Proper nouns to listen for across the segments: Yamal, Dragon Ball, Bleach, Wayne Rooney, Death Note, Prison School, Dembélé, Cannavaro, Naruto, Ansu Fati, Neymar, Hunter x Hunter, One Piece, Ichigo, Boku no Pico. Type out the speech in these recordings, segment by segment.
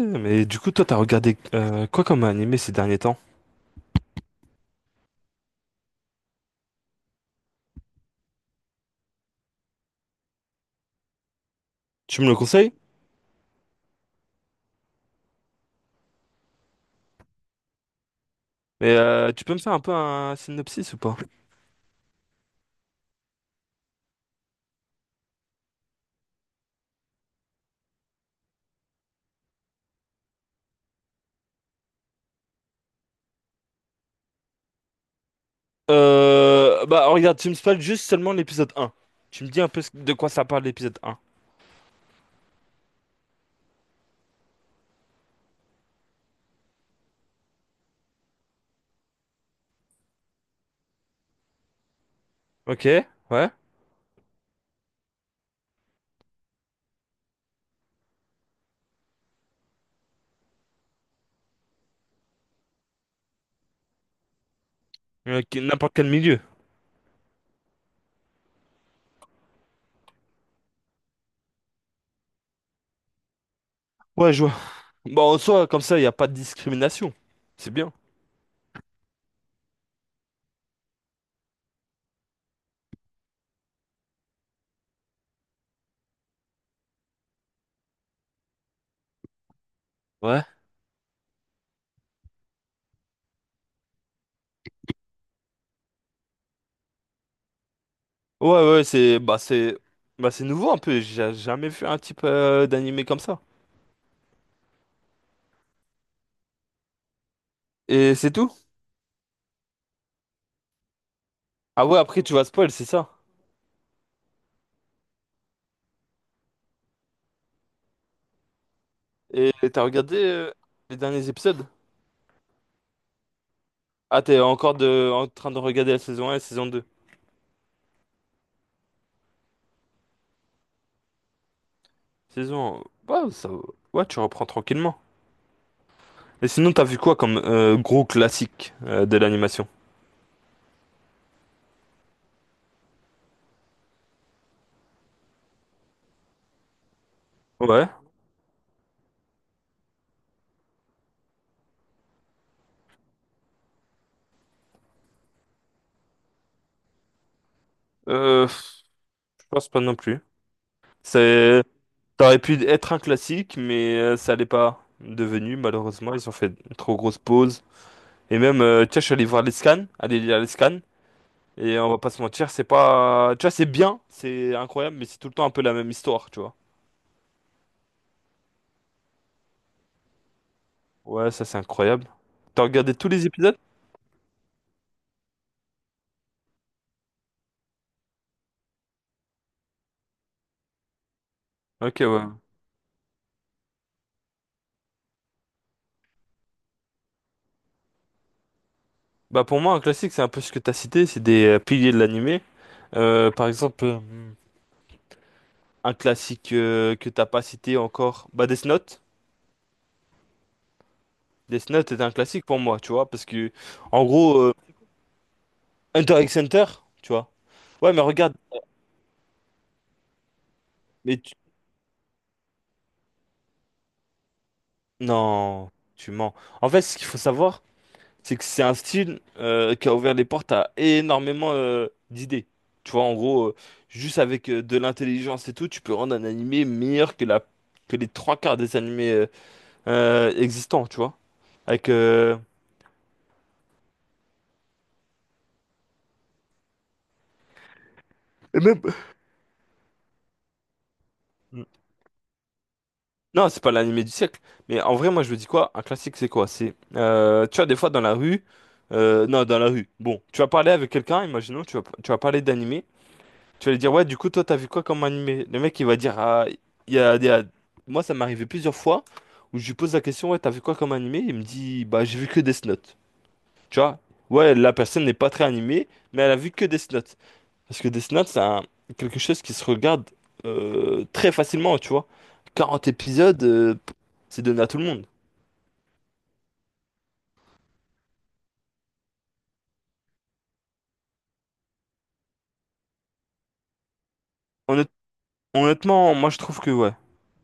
Mais du coup, toi, t'as regardé quoi comme animé ces derniers temps? Tu me le conseilles? Mais tu peux me faire un peu un synopsis ou pas? Bah regarde, tu me spoil juste seulement l'épisode un. Tu me dis un peu de quoi ça parle l'épisode un. Ok, ouais. N'importe quel milieu. Ouais, je vois. Bon, en soi, comme ça, il n'y a pas de discrimination. C'est bien. Ouais. Ouais, ouais, c'est nouveau un peu. J'ai jamais vu un type d'animé comme ça. Et c'est tout? Ah ouais, après tu vas spoil, c'est ça. Et t'as regardé les derniers épisodes? Ah, t'es encore en train de regarder la saison un et la saison deux. Saison... ouais, ça... ouais, tu reprends tranquillement. Et sinon, t'as vu quoi comme gros classique de l'animation? Ouais, je pense pas non plus. C'est... ça aurait pu être un classique, mais ça l'est pas devenu, malheureusement. Ils ont fait une trop grosse pause. Et même, tu vois, je suis allé voir les scans, aller lire les scans. Et on va pas se mentir, c'est pas... tu vois, c'est bien, c'est incroyable, mais c'est tout le temps un peu la même histoire, tu vois. Ouais, ça c'est incroyable. T'as regardé tous les épisodes? Ok, ouais. Bah pour moi, un classique, c'est un peu ce que tu as cité, c'est des piliers de l'animé. Par exemple, un classique que t'as pas cité encore, bah Death Note. Death Note est un classique pour moi, tu vois, parce que, en gros, Hunter x Hunter, tu vois. Ouais, mais regarde, mais tu- non, tu mens. En fait, ce qu'il faut savoir, c'est que c'est un style qui a ouvert les portes à énormément d'idées. Tu vois, en gros, juste avec de l'intelligence et tout, tu peux rendre un animé meilleur que la... que les trois quarts des animés existants, tu vois. Avec et même mm, non, c'est pas l'animé du siècle, mais en vrai moi je me dis quoi? Un classique c'est quoi? C'est tu vois des fois dans la rue non, dans la rue. Bon, tu vas parler avec quelqu'un, imaginons tu vas parler d'animé, tu vas lui dire ouais, du coup toi t'as vu quoi comme animé? Le mec il va dire ah il y a, il y a- moi ça m'est arrivé plusieurs fois où je lui pose la question ouais, t'as vu quoi comme animé? Il me dit bah j'ai vu que Death Note. Tu vois? Ouais, la personne n'est pas très animée, mais elle a vu que Death Note. Parce que Death Note, c'est un- quelque chose qui se regarde très facilement, tu vois. Quarante épisodes, c'est donné à tout le monde. Honnêt- Honnêtement, moi je trouve que ouais,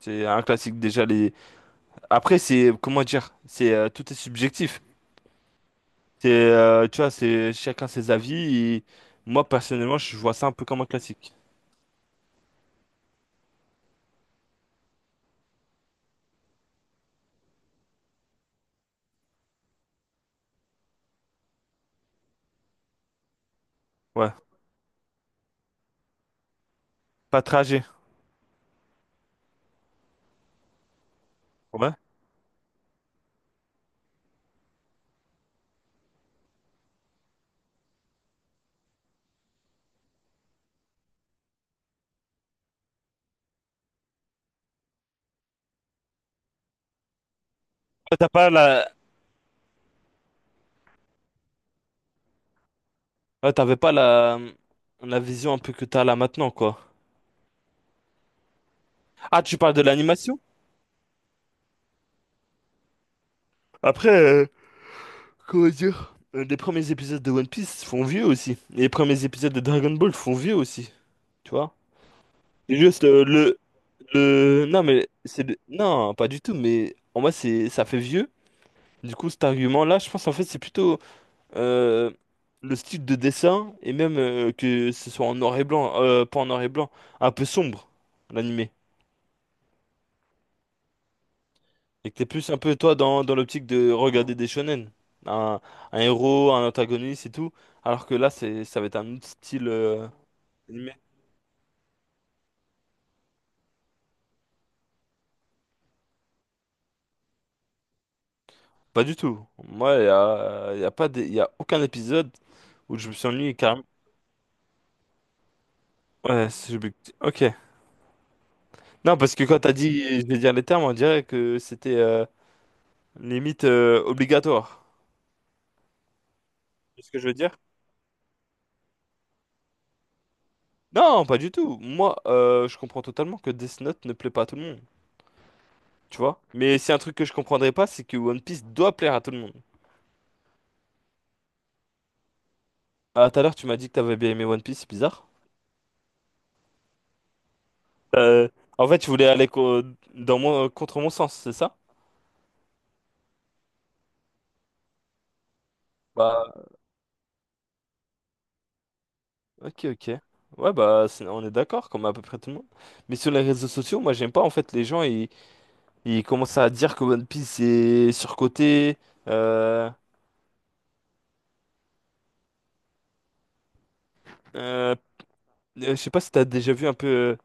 c'est un classique déjà les. Après c'est comment dire, c'est tout est subjectif. C'est tu vois, c'est chacun ses avis. Et moi personnellement, je vois ça un peu comme un classique. Ouais, pas tragique. Ouais. Ouais, t'avais pas la vision un peu que t'as là maintenant quoi. Ah, tu parles de l'animation? Après, comment dire? Les premiers épisodes de One Piece font vieux aussi. Et les premiers épisodes de Dragon Ball font vieux aussi. Tu vois? C'est Juste le, le. Non, mais non, pas du tout. Mais en moi, c'est ça fait vieux. Du coup, cet argument-là, je pense en fait, c'est plutôt euh, le style de dessin. Et même que ce soit en noir et blanc. Pas en noir et blanc. Un peu sombre, l'animé. Et que t'es plus un peu, toi, dans l'optique de regarder des shonen. Un, un héros, un antagoniste et tout. Alors que là, ça va être un autre style. Animé. Pas du tout. Moi, y a pas des- y a aucun épisode où je me suis ennuyé carrément. Ouais, ok. Non, parce que quand t'as dit, je vais dire les termes, on dirait que c'était limite obligatoire. C'est ce que je veux dire? Non, pas du tout. Moi, je comprends totalement que Death Note ne plaît pas à tout le monde, tu vois. Mais c'est un truc que je comprendrais pas, c'est que One Piece doit plaire à tout le monde. Ah, tout à l'heure, tu m'as dit que t'avais bien aimé One Piece, c'est bizarre. Euh, en fait, tu voulais aller co- dans mon- contre mon sens, c'est ça? Bah, ok, ok. Ouais, bah, on est d'accord, comme à peu près tout le monde. Mais sur les réseaux sociaux, moi, j'aime pas, en fait, les gens, ils commencent à dire que One Piece est surcoté. Euh, euh, je sais pas si t'as déjà vu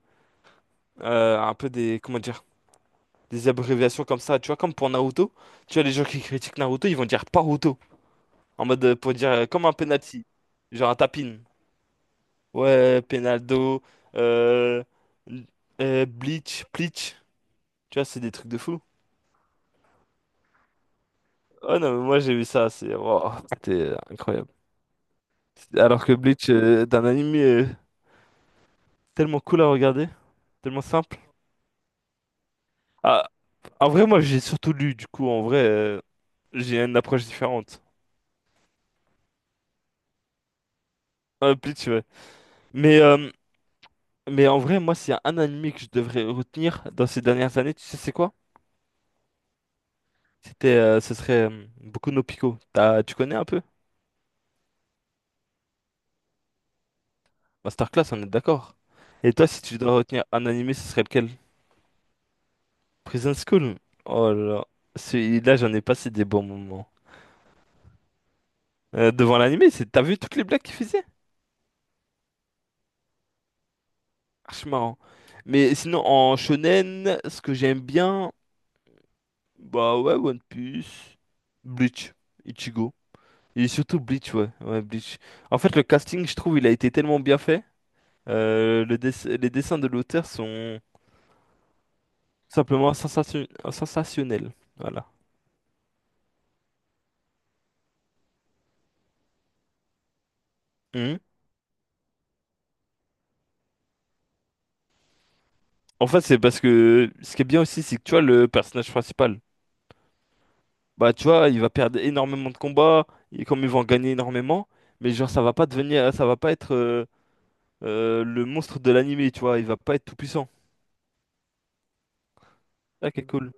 un peu comment dire, des abréviations comme ça, tu vois, comme pour Naruto. Tu vois, les gens qui critiquent Naruto, ils vont dire Paruto, en mode, pour dire, comme un penalty, genre un tapin. Ouais, Penaldo, euh, Bleach, tu vois, c'est des trucs de fou. Oh non, mais moi j'ai vu ça, c'est wow, c'était incroyable. Alors que Bleach est anime tellement cool à regarder, tellement simple. Ah, en vrai, moi j'ai surtout lu, du coup, en vrai, j'ai une approche différente. Bleach, ouais. Mais, euh, mais en vrai, moi, s'il y a un anime que je devrais retenir dans ces dernières années, tu sais, c'est quoi? Ce serait Boku no Pico. Tu connais un peu? Masterclass, on est d'accord. Et toi, si tu dois retenir un anime, ce serait lequel? Prison School. Oh là là. Celui-là, j'en ai passé des bons moments. Devant l'animé, c'est t'as vu toutes les blagues qu'il faisait? Archi marrant. Mais sinon, en shonen, ce que j'aime bien, bah ouais, One Piece, Bleach, Ichigo. Et surtout Bleach, ouais, ouais, Bleach. En fait, le casting, je trouve, il a été tellement bien fait. Les dessins de l'auteur sont simplement sensationnels. Voilà. Mhm. En fait, c'est parce que ce qui est bien aussi, c'est que tu vois, le personnage principal. Bah, tu vois, il va perdre énormément de combats, et comme il va en gagner énormément, mais genre, ça va pas être le monstre de l'animé, tu vois, il va pas être tout puissant. Ah, quel cool.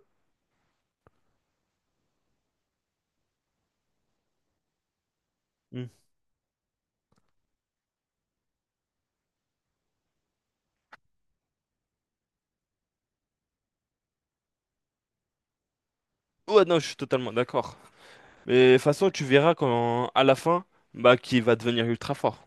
Hmm. Ouais, non, je suis totalement d'accord. Mais de toute façon, tu verras quand, à la fin, bah, qu'il va devenir ultra fort.